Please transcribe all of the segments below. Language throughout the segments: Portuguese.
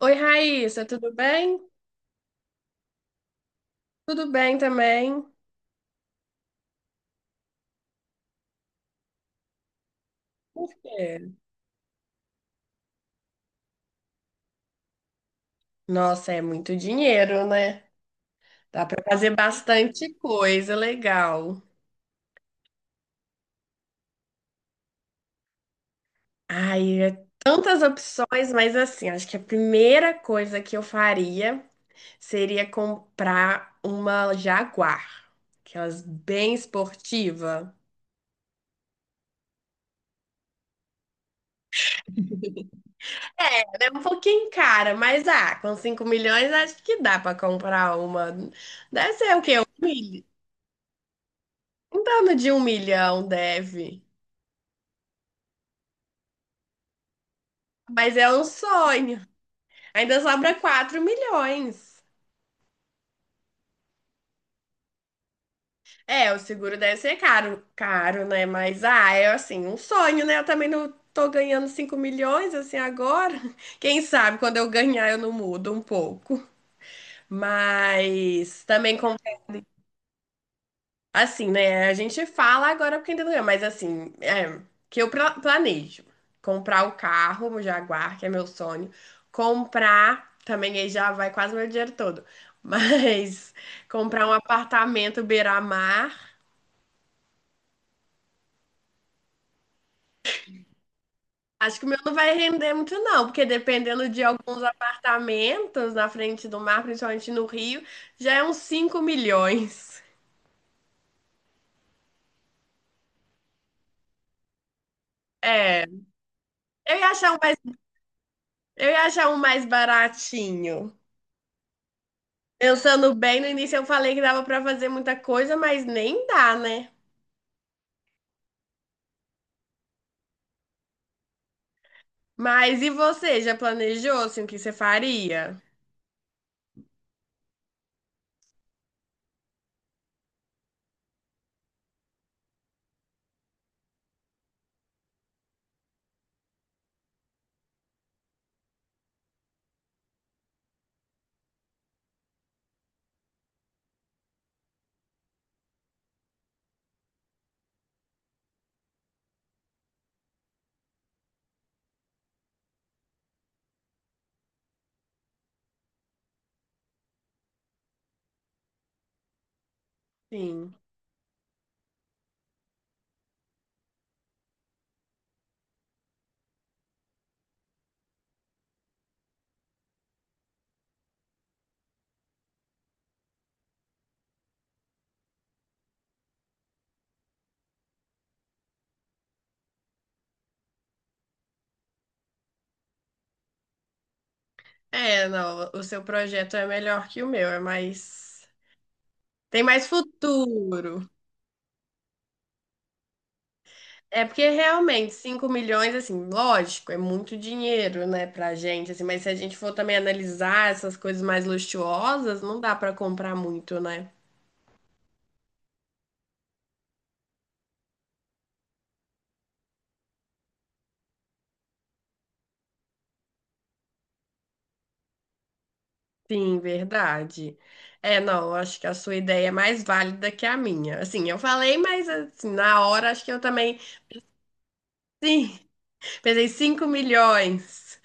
Oi, Raíssa, tudo bem? Tudo bem também. Por quê? Nossa, é muito dinheiro, né? Dá para fazer bastante coisa legal. Ai, é tantas opções, mas assim, acho que a primeira coisa que eu faria seria comprar uma Jaguar, aquelas bem esportiva. É, ela é um pouquinho cara, mas ah, com 5 milhões acho que dá para comprar uma. Deve ser o quê? 1 milhão? Em torno de 1 milhão deve. Mas é um sonho. Ainda sobra 4 milhões. É, o seguro deve ser caro, caro, né? Mas, ah, é assim, um sonho, né? Eu também não tô ganhando 5 milhões, assim, agora. Quem sabe quando eu ganhar eu não mudo um pouco. Mas também com. Assim, né? A gente fala agora porque ainda não é, mas assim, é, que eu planejo comprar o carro, o Jaguar, que é meu sonho. Comprar, também aí já vai quase meu dinheiro todo. Mas comprar um apartamento beira-mar, acho que o meu não vai render muito não, porque dependendo de alguns apartamentos na frente do mar, principalmente no Rio, já é uns 5 milhões. É, eu ia achar um mais, eu ia achar um mais baratinho. Pensando bem, no início eu falei que dava pra fazer muita coisa, mas nem dá, né? Mas e você, já planejou assim o que você faria? Sim. É, não, o seu projeto é melhor que o meu, é mais. Tem mais futuro. É porque realmente 5 milhões assim, lógico, é muito dinheiro, né, pra gente assim, mas se a gente for também analisar essas coisas mais luxuosas, não dá pra comprar muito, né? Sim, verdade. É, não, eu acho que a sua ideia é mais válida que a minha. Assim, eu falei, mas assim, na hora acho que eu também. Sim, pensei 5 milhões.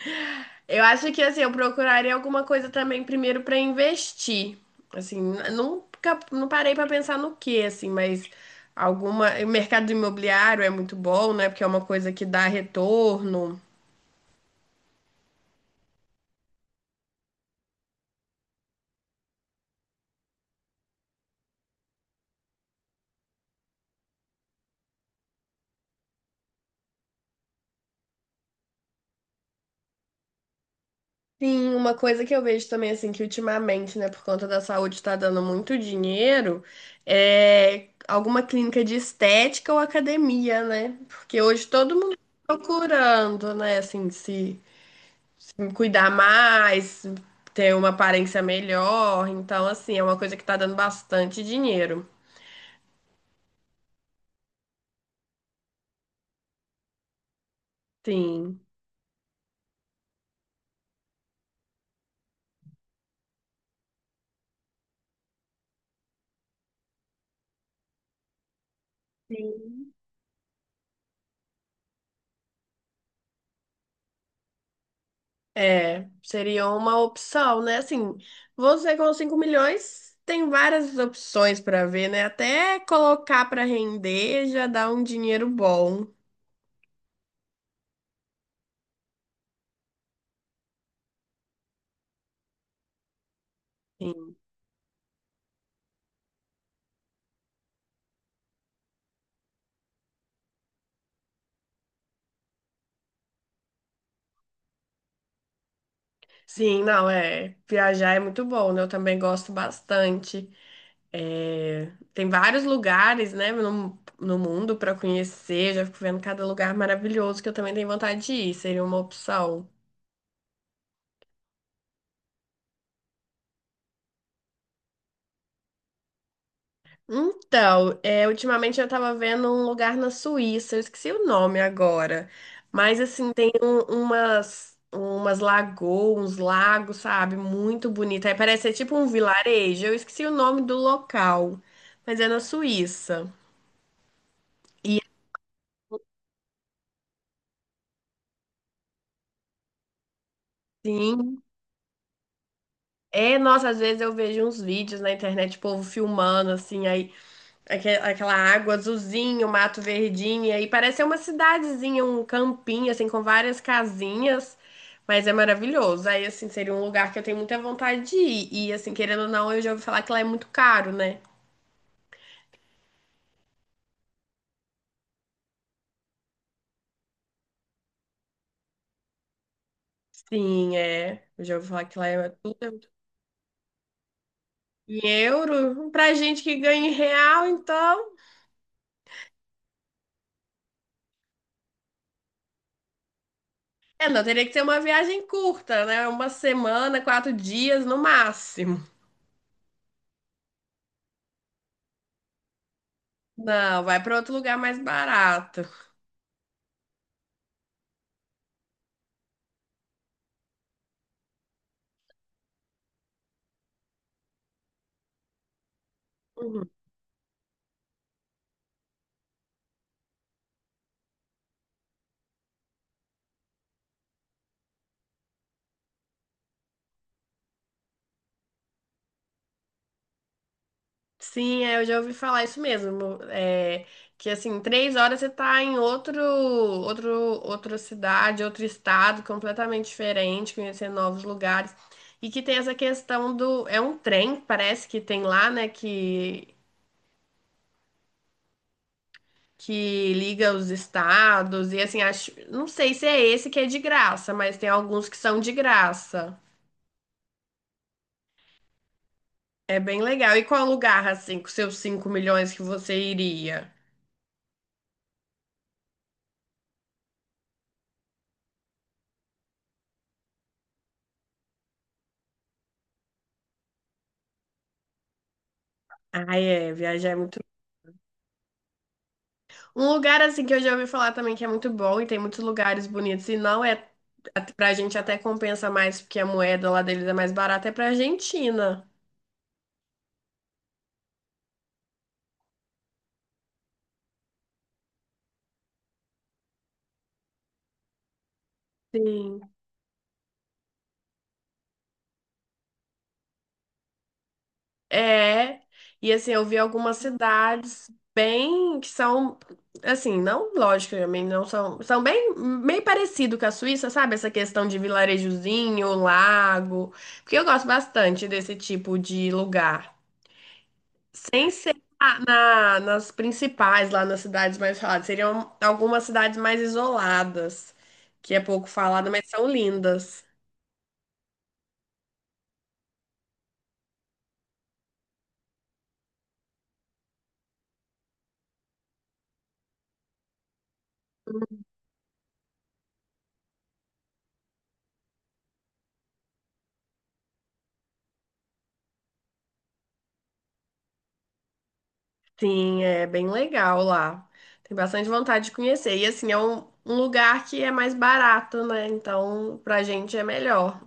Eu acho que assim, eu procuraria alguma coisa também primeiro para investir. Assim, nunca não parei para pensar no que assim, mas alguma, o mercado imobiliário é muito bom, né? Porque é uma coisa que dá retorno. Sim, uma coisa que eu vejo também, assim, que ultimamente, né, por conta da saúde tá dando muito dinheiro, é alguma clínica de estética ou academia, né? Porque hoje todo mundo tá procurando, né, assim, se cuidar mais, ter uma aparência melhor. Então, assim, é uma coisa que tá dando bastante dinheiro. Sim. Sim. É, seria uma opção, né? Assim, você com 5 milhões tem várias opções para ver, né? Até colocar para render já dá um dinheiro bom. Sim, sim, não, é. Viajar é muito bom, né? Eu também gosto bastante. É, tem vários lugares, né, no mundo para conhecer. Já fico vendo cada lugar maravilhoso que eu também tenho vontade de ir. Seria uma opção. Então, é, ultimamente eu tava vendo um lugar na Suíça, eu esqueci o nome agora, mas assim, tem umas lagoas, uns lagos, sabe? Muito bonito. Aí parece ser tipo um vilarejo, eu esqueci o nome do local, mas é na Suíça. E assim, é, nossa, às vezes eu vejo uns vídeos na internet, o povo filmando, assim, aí. Aquela água azulzinha, o mato verdinho, e aí parece uma cidadezinha, um campinho, assim, com várias casinhas, mas é maravilhoso. Aí, assim, seria um lugar que eu tenho muita vontade de ir. E, assim, querendo ou não, eu já ouvi falar que lá é muito caro, né? Sim, é. Eu já ouvi falar que lá é tudo é muito- em euro. Pra gente que ganha em real, então. É, não, teria que ser uma viagem curta, né? Uma semana, 4 dias no máximo. Não, vai para outro lugar mais barato. Uhum. Sim, é, eu já ouvi falar isso mesmo. É, que assim, 3 horas você tá em outra cidade, outro estado completamente diferente, conhecendo novos lugares. E que tem essa questão do. É um trem, parece que tem lá, né? Que liga os estados. E assim, acho, não sei se é esse que é de graça, mas tem alguns que são de graça. É bem legal. E qual lugar, assim, com seus 5 milhões que você iria? Ah, é, viajar é muito. Um lugar assim que eu já ouvi falar também que é muito bom e tem muitos lugares bonitos e não é pra gente até compensa mais porque a moeda lá deles é mais barata é pra Argentina. Sim. É. E assim, eu vi algumas cidades bem que são assim, não, lógico, também não são, são bem meio parecido com a Suíça, sabe? Essa questão de vilarejozinho, lago, porque eu gosto bastante desse tipo de lugar. Sem ser nas principais, lá nas cidades mais faladas. Seriam algumas cidades mais isoladas, que é pouco falada, mas são lindas. Sim, é bem legal lá. Tem bastante vontade de conhecer. E assim, é um lugar que é mais barato, né? Então, pra gente é melhor.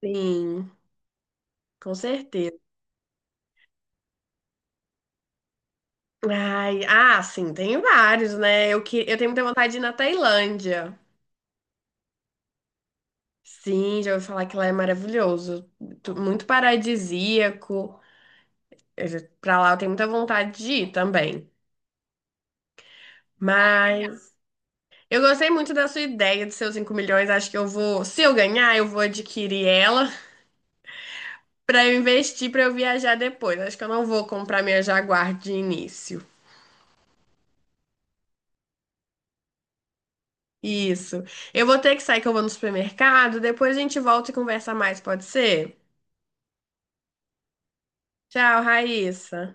Sim, com certeza. Ai, ah, sim, tem vários, né? Eu tenho muita vontade de ir na Tailândia. Sim, já ouvi falar que lá é maravilhoso. Muito paradisíaco. Pra lá eu tenho muita vontade de ir também. Mas eu gostei muito da sua ideia dos seus 5 milhões. Acho que eu vou, se eu ganhar, eu vou adquirir ela pra eu investir pra eu viajar depois. Acho que eu não vou comprar minha Jaguar de início. Isso. Eu vou ter que sair que eu vou no supermercado. Depois a gente volta e conversa mais, pode ser? Tchau, Raíssa.